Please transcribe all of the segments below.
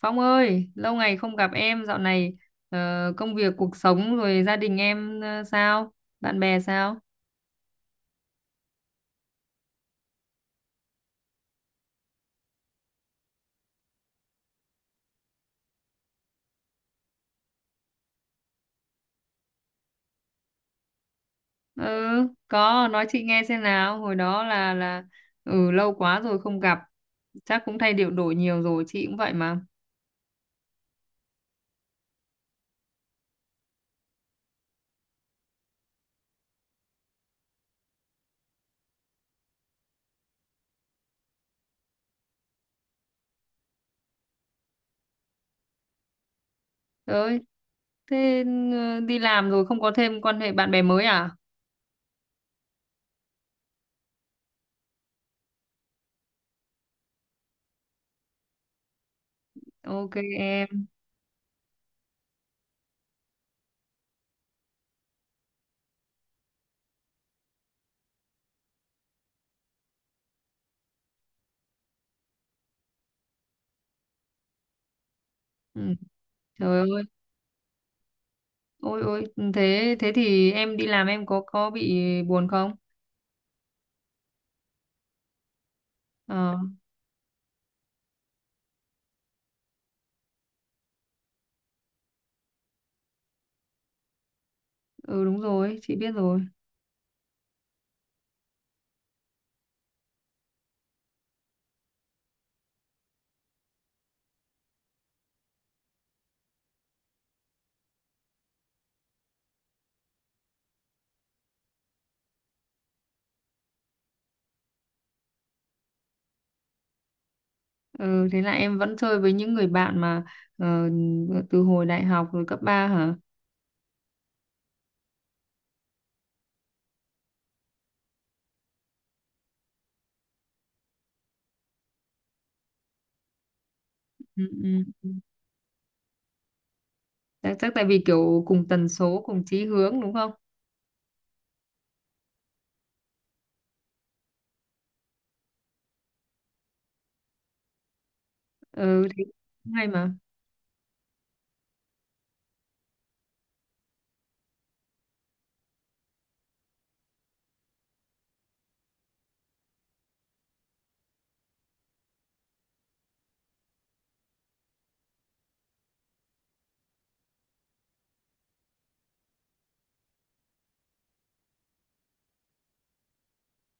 Phong ơi, lâu ngày không gặp em, dạo này ờ, công việc, cuộc sống rồi gia đình em sao? Bạn bè sao? Ừ, có, nói chị nghe xem nào. Hồi đó là ừ lâu quá rồi không gặp, chắc cũng thay điệu đổi nhiều rồi, chị cũng vậy mà. Ơi, thế đi làm rồi không có thêm quan hệ bạn bè mới à? Ok em. Ừ, trời ơi. Ôi ôi, ừ, thế thế thì em đi làm em có bị buồn không? Ờ, ừ đúng rồi, chị biết rồi. Ừ, thế là em vẫn chơi với những người bạn mà ờ, từ hồi đại học rồi cấp 3 hả? Ừ, ừ. Chắc tại vì kiểu cùng tần số, cùng chí hướng đúng không? Ừ, thế cũng hay mà.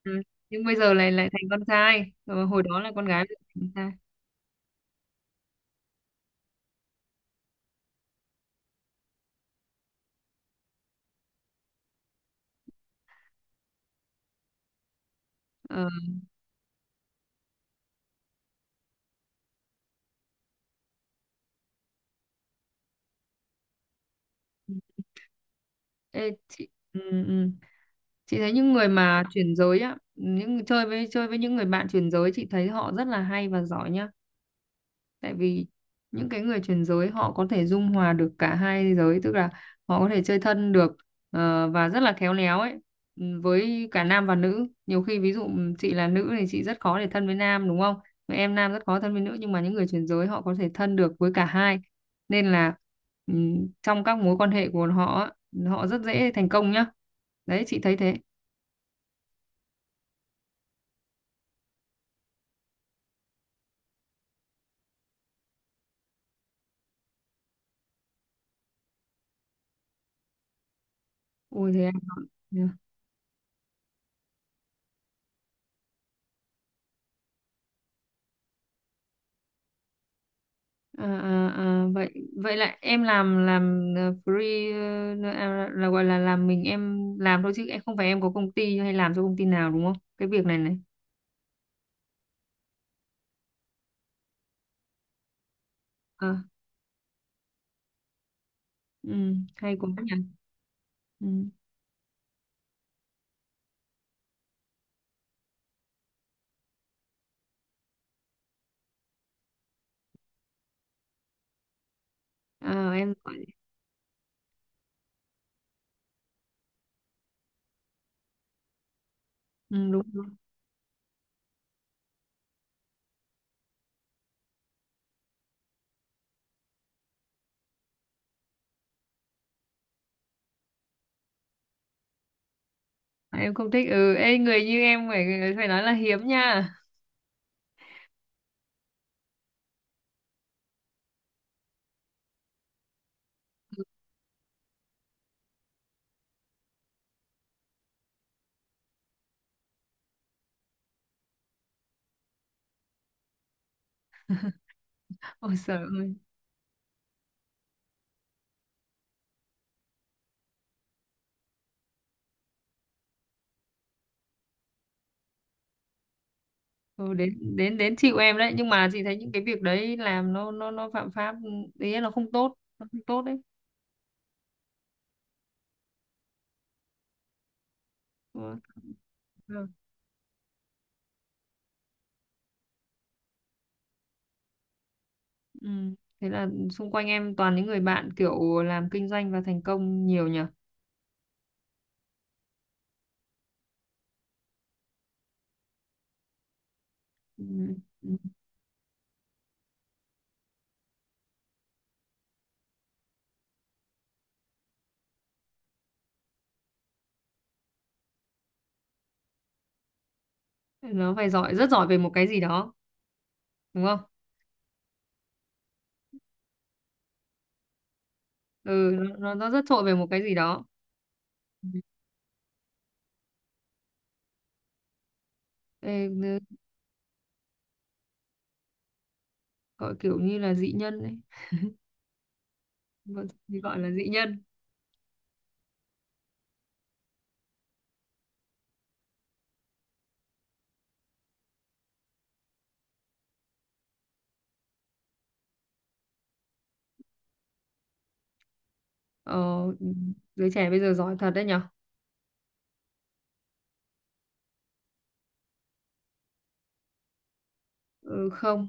Ừ. Nhưng bây giờ lại lại thành con trai. Ờ, hồi đó là con gái bây giờ thành con trai. Ờ, ê, chị, ừ, ừ. Chị thấy những người mà chuyển giới á, những chơi với những người bạn chuyển giới chị thấy họ rất là hay và giỏi nhá. Tại vì những cái người chuyển giới họ có thể dung hòa được cả hai giới, tức là họ có thể chơi thân được, và rất là khéo léo ấy, ừ, với cả nam và nữ. Nhiều khi ví dụ ừ, chị là nữ thì chị rất khó để thân với nam đúng không? Mà em nam rất khó thân với nữ, nhưng mà những người chuyển giới họ có thể thân được với cả hai, nên là ừ, trong các mối quan hệ của họ á, họ rất dễ thành công nhá, đấy chị thấy thế. Ui thế à? À, à, à, vậy vậy là em làm ờ, free ờ, à, là gọi là làm mình em làm thôi chứ em không phải em có công ty hay làm cho công ty nào đúng không? Cái việc này này. Ờ, ừ, hay quá nhỉ. Ừ. Ờ, em gọi ừ, đúng rồi. Em không thích ừ ê, người như em phải phải nói là hiếm nha. Ôi trời ơi. Ừ, đến đến đến chịu em đấy, nhưng mà chị thấy những cái việc đấy làm nó phạm pháp ừ, ý là nó không tốt, nó không tốt đấy. Ừ. Ừ. Thế là xung quanh em toàn những người bạn kiểu làm kinh doanh và thành công nhiều nhỉ? Ừ. Ừ. Nó phải giỏi, rất giỏi về một cái gì đó, đúng không? Ừ, nó rất trội về một cái gì đó. Ừ. Ê, nơ- gọi kiểu như là dị nhân ấy. Gọi, thì gọi là dị nhân. Ờ, ừ, giới trẻ bây giờ giỏi thật đấy nhỉ? Ừ, không.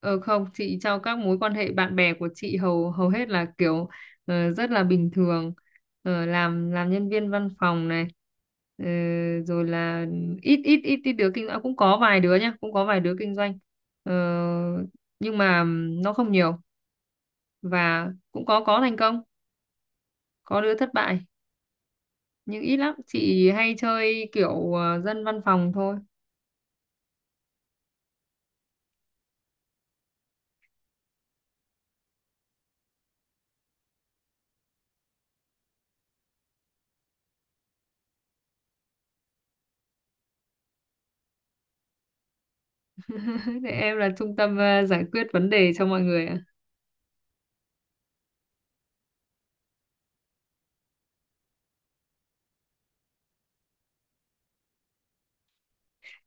Ờ không, chị trong các mối quan hệ bạn bè của chị hầu hầu hết là kiểu ờ, rất là bình thường, ờ, làm nhân viên văn phòng này, ờ, rồi là ít ít ít ít đứa kinh doanh, cũng có vài đứa nhá, cũng có vài đứa kinh doanh, ờ, nhưng mà nó không nhiều, và cũng có thành công, có đứa thất bại, nhưng ít lắm. Chị hay chơi kiểu ờ, dân văn phòng thôi. Để em là trung tâm ờ, giải quyết vấn đề cho mọi người ạ.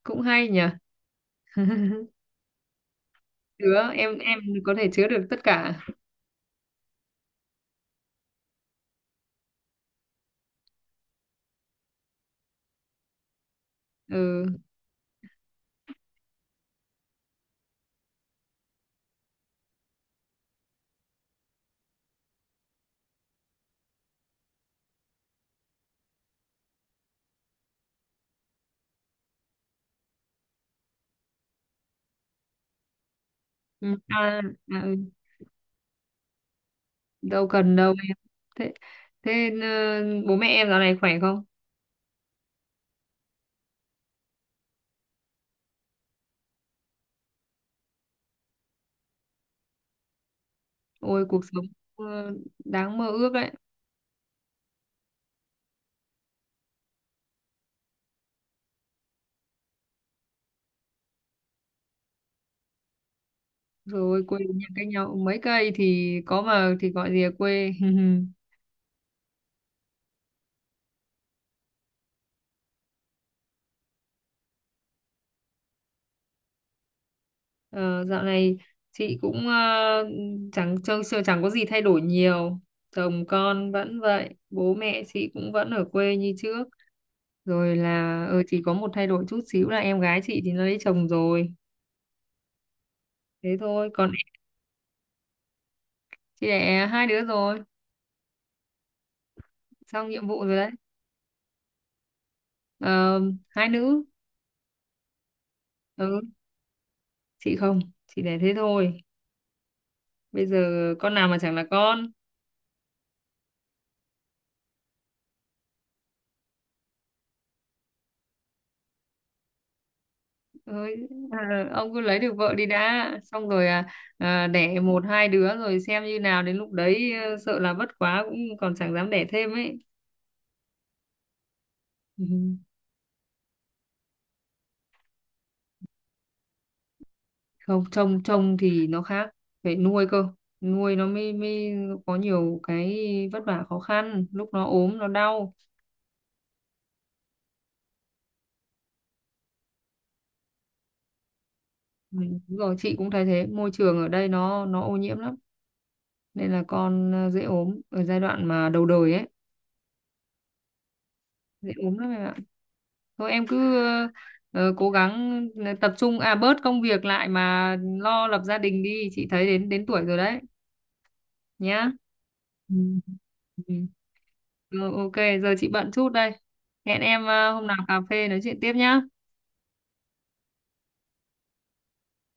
Cũng hay nhỉ. Chứa em có thể chứa được tất cả. Ừ. Ừ. À, à, ừ. Đâu cần đâu em. Thế thế ờ, bố mẹ em dạo này khỏe không? Ôi cuộc sống ờ, đáng mơ ước đấy. Rồi quê nhà cách nhau mấy cây thì có mà thì gọi gì là quê. Ờ, dạo này chị cũng ờ, chẳng chưa chẳng có gì thay đổi nhiều, chồng con vẫn vậy, bố mẹ chị cũng vẫn ở quê như trước, rồi là ờ, chỉ có một thay đổi chút xíu là em gái chị thì nó lấy chồng rồi, thế thôi còn chị đẻ hai đứa rồi, xong nhiệm vụ rồi đấy. Ờ, hai nữ. Ừ chị không, chị đẻ thế thôi. Bây giờ con nào mà chẳng là con. Ôi, à, ông cứ lấy được vợ đi đã, xong rồi à, à, đẻ một hai đứa rồi xem như nào, đến lúc đấy ờ, sợ là vất quá cũng còn chẳng dám đẻ thêm ấy. Ừ. Không, trông trông thì nó khác, phải nuôi cơ, nuôi nó mới mới có nhiều cái vất vả khó khăn lúc nó ốm nó đau. Ừ, đúng rồi chị cũng thấy thế, môi trường ở đây nó ô nhiễm lắm, nên là con ờ, dễ ốm ở giai đoạn mà đầu đời ấy, dễ ốm lắm em ạ. Thôi em cứ ờ, ờ, cố gắng ờ, tập trung à bớt công việc lại mà lo lập gia đình đi, chị thấy đến đến tuổi rồi đấy, nhá. Ừ. Ừ. Ừ, ok giờ chị bận chút đây, hẹn em ờ, hôm nào cà phê nói chuyện tiếp nhá.